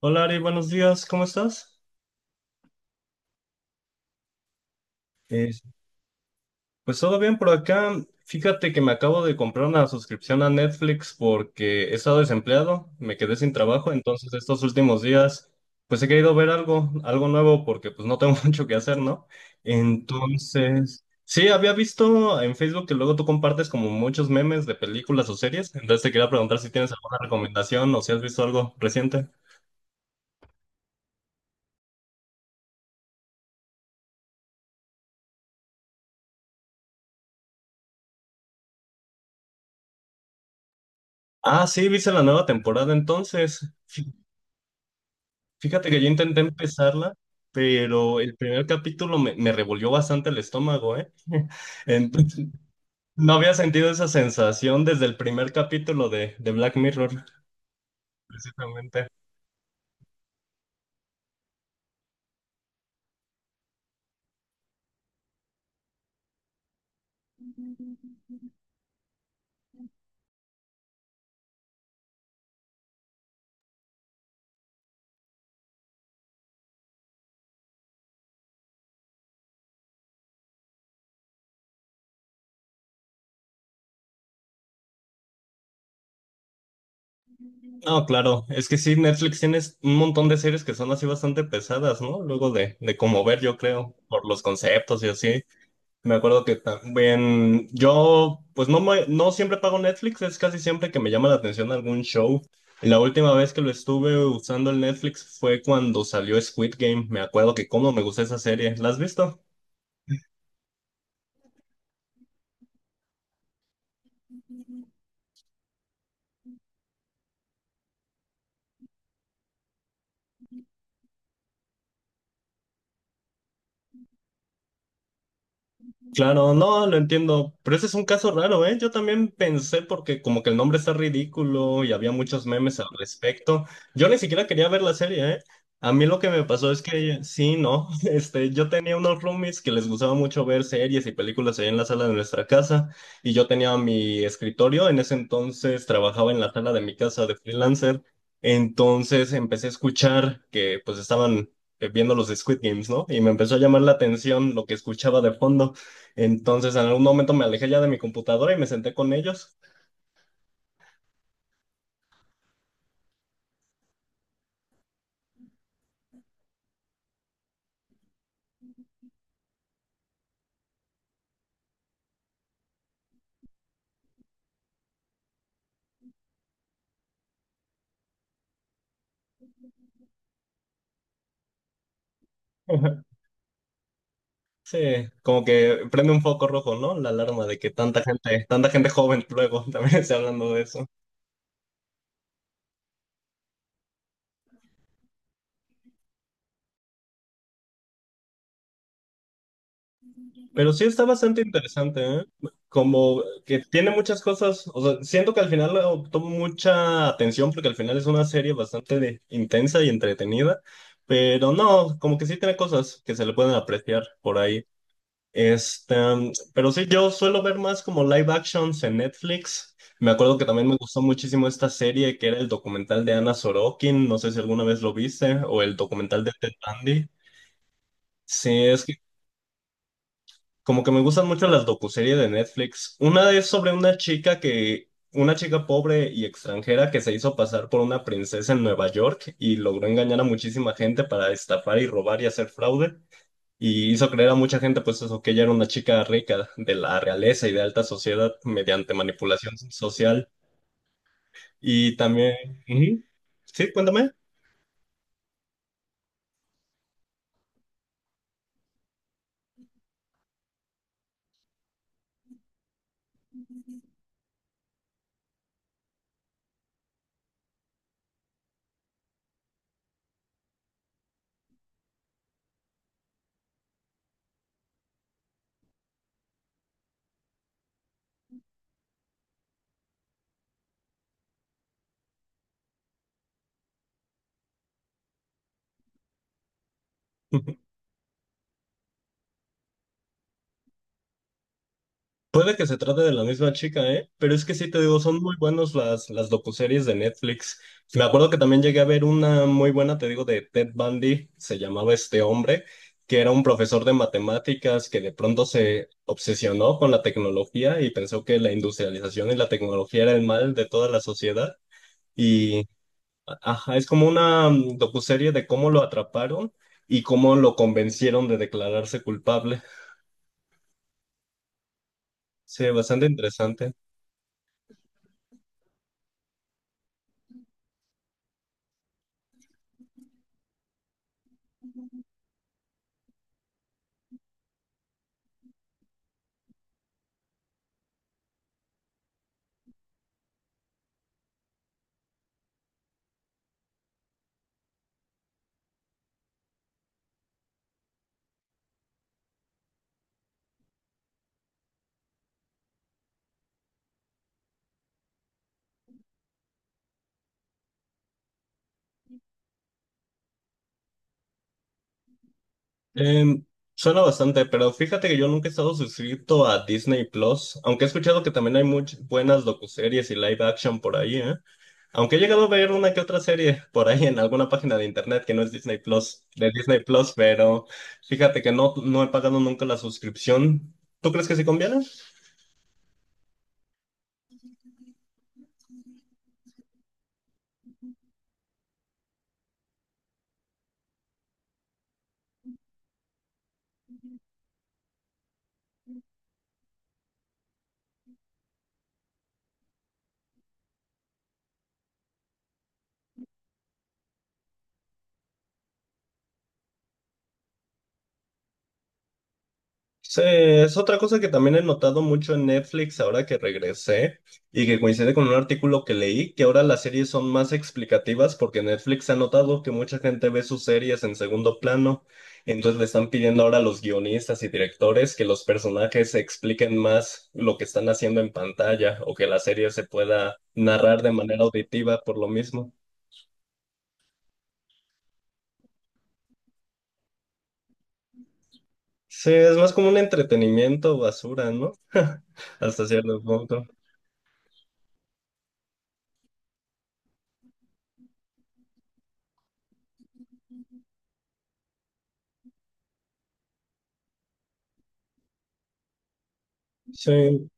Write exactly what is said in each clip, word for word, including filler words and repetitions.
Hola Ari, buenos días, ¿cómo estás? Eh, pues todo bien por acá. Fíjate que me acabo de comprar una suscripción a Netflix porque he estado desempleado, me quedé sin trabajo, entonces estos últimos días pues he querido ver algo, algo nuevo porque pues no tengo mucho que hacer, ¿no? Entonces, sí, había visto en Facebook que luego tú compartes como muchos memes de películas o series, entonces te quería preguntar si tienes alguna recomendación o si has visto algo reciente. Ah, sí, viste la nueva temporada entonces. Fíjate que yo intenté empezarla, pero el primer capítulo me, me revolvió bastante el estómago, ¿eh? Entonces, no había sentido esa sensación desde el primer capítulo de, de Black Mirror, precisamente. No, claro, es que sí, Netflix tiene un montón de series que son así bastante pesadas, ¿no? Luego de, de cómo ver, yo creo, por los conceptos y así. Me acuerdo que también yo, pues no, me- no siempre pago Netflix, es casi siempre que me llama la atención algún show. La última vez que lo estuve usando el Netflix fue cuando salió Squid Game. Me acuerdo que cómo me gustó esa serie. ¿La has visto? Claro, no, lo entiendo, pero ese es un caso raro, ¿eh? Yo también pensé porque como que el nombre está ridículo y había muchos memes al respecto. Yo ni siquiera quería ver la serie, ¿eh? A mí lo que me pasó es que sí, no, este, yo tenía unos roomies que les gustaba mucho ver series y películas ahí en la sala de nuestra casa y yo tenía mi escritorio, en ese entonces trabajaba en la sala de mi casa de freelancer, entonces empecé a escuchar que pues estaban eh, viendo los de Squid Games, ¿no? Y me empezó a llamar la atención lo que escuchaba de fondo. Entonces, en algún momento me alejé ya de mi computadora y me senté con ellos. Sí, como que prende un foco rojo, ¿no? La alarma de que tanta gente, tanta gente joven luego también está hablando de eso. Pero sí está bastante interesante, ¿eh? Como que tiene muchas cosas, o sea, siento que al final obtuvo mucha atención porque al final es una serie bastante de- intensa y entretenida, pero no, como que sí tiene cosas que se le pueden apreciar por ahí. Este, um, pero sí, yo suelo ver más como live actions en Netflix. Me acuerdo que también me gustó muchísimo esta serie que era el documental de Anna Sorokin, no sé si alguna vez lo viste, o el documental de Ted Bundy. Sí, es que como que me gustan mucho las docuseries de Netflix. Una es sobre una chica que, una chica pobre y extranjera que se hizo pasar por una princesa en Nueva York y logró engañar a muchísima gente para estafar y robar y hacer fraude y hizo creer a mucha gente, pues eso, que ella era una chica rica de la realeza y de alta sociedad mediante manipulación social. Y también... Ujú. Sí, cuéntame. Puede que se trate de la misma chica, ¿eh? Pero es que sí te digo, son muy buenas las, las docuseries de Netflix. Me acuerdo que también llegué a ver una muy buena, te digo, de Ted Bundy, se llamaba este hombre, que era un profesor de matemáticas que de pronto se obsesionó con la tecnología y pensó que la industrialización y la tecnología era el mal de toda la sociedad. Y ajá, es como una mm, docuserie de cómo lo atraparon y cómo lo convencieron de declararse culpable. Sí, bastante interesante. Em, Suena bastante, pero fíjate que yo nunca he estado suscrito a Disney Plus, aunque he escuchado que también hay muchas buenas docuseries y live action por ahí, ¿eh? Aunque he llegado a ver una que otra serie por ahí en alguna página de internet que no es Disney Plus, de Disney Plus, pero fíjate que no, no he pagado nunca la suscripción. ¿Tú crees que sí conviene? Sí, es otra cosa que también he notado mucho en Netflix ahora que regresé y que coincide con un artículo que leí, que ahora las series son más explicativas porque Netflix ha notado que mucha gente ve sus series en segundo plano, entonces le están pidiendo ahora a los guionistas y directores que los personajes expliquen más lo que están haciendo en pantalla o que la serie se pueda narrar de manera auditiva por lo mismo. Sí, es más como un entretenimiento basura, ¿no? Hasta cierto punto. Sí.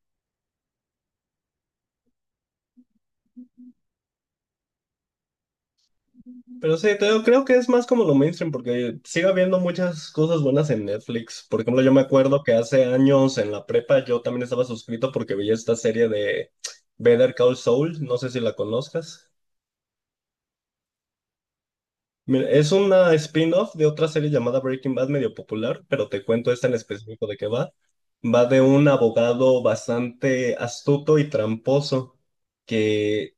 Pero sí, te digo, creo que es más como lo mainstream, porque sigue habiendo muchas cosas buenas en Netflix. Por ejemplo, yo me acuerdo que hace años en la prepa yo también estaba suscrito porque veía esta serie de Better Call Saul, no sé si la conozcas. Mira, es una spin-off de otra serie llamada Breaking Bad, medio popular, pero te cuento esta en específico de qué va. Va de un abogado bastante astuto y tramposo que...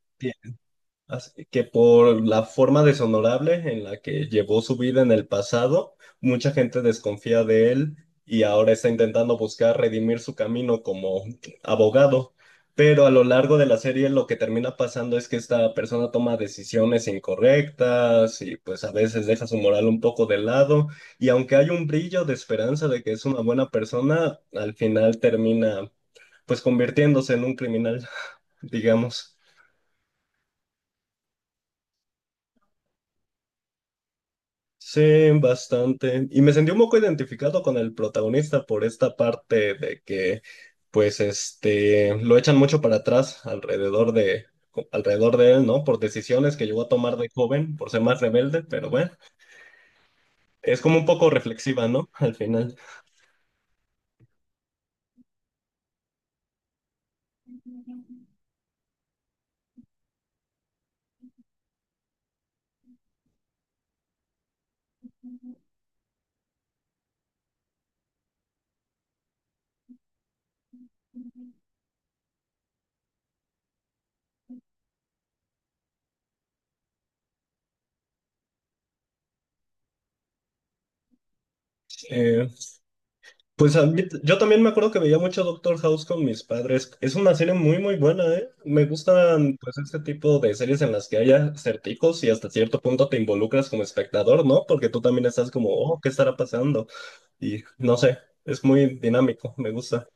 Así que por la forma deshonorable en la que llevó su vida en el pasado, mucha gente desconfía de él y ahora está intentando buscar redimir su camino como abogado. Pero a lo largo de la serie lo que termina pasando es que esta persona toma decisiones incorrectas y pues a veces deja su moral un poco de lado y aunque hay un brillo de esperanza de que es una buena persona, al final termina pues convirtiéndose en un criminal, digamos. Sí, bastante. Y me sentí un poco identificado con el protagonista por esta parte de que, pues, este, lo echan mucho para atrás alrededor de, alrededor de él, ¿no? Por decisiones que llegó a tomar de joven, por ser más rebelde, pero bueno, es como un poco reflexiva, ¿no? Al final. Eh, Pues a mí- yo también me acuerdo que veía mucho Doctor House con mis padres. Es una serie muy, muy buena, ¿eh? Me gustan, pues, este tipo de series en las que haya certicos y hasta cierto punto te involucras como espectador, ¿no? Porque tú también estás como, oh, ¿qué estará pasando? Y no sé, es muy dinámico, me gusta.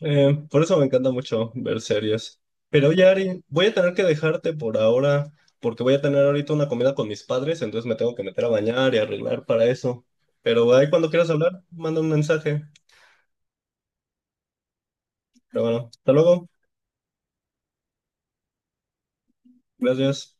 Eh, por eso me encanta mucho ver series. Pero oye, Ari, voy a tener que dejarte por ahora, porque voy a tener ahorita una comida con mis padres, entonces me tengo que meter a bañar y arreglar para eso. Pero ahí cuando quieras hablar, manda un mensaje. Pero bueno, hasta luego. Gracias.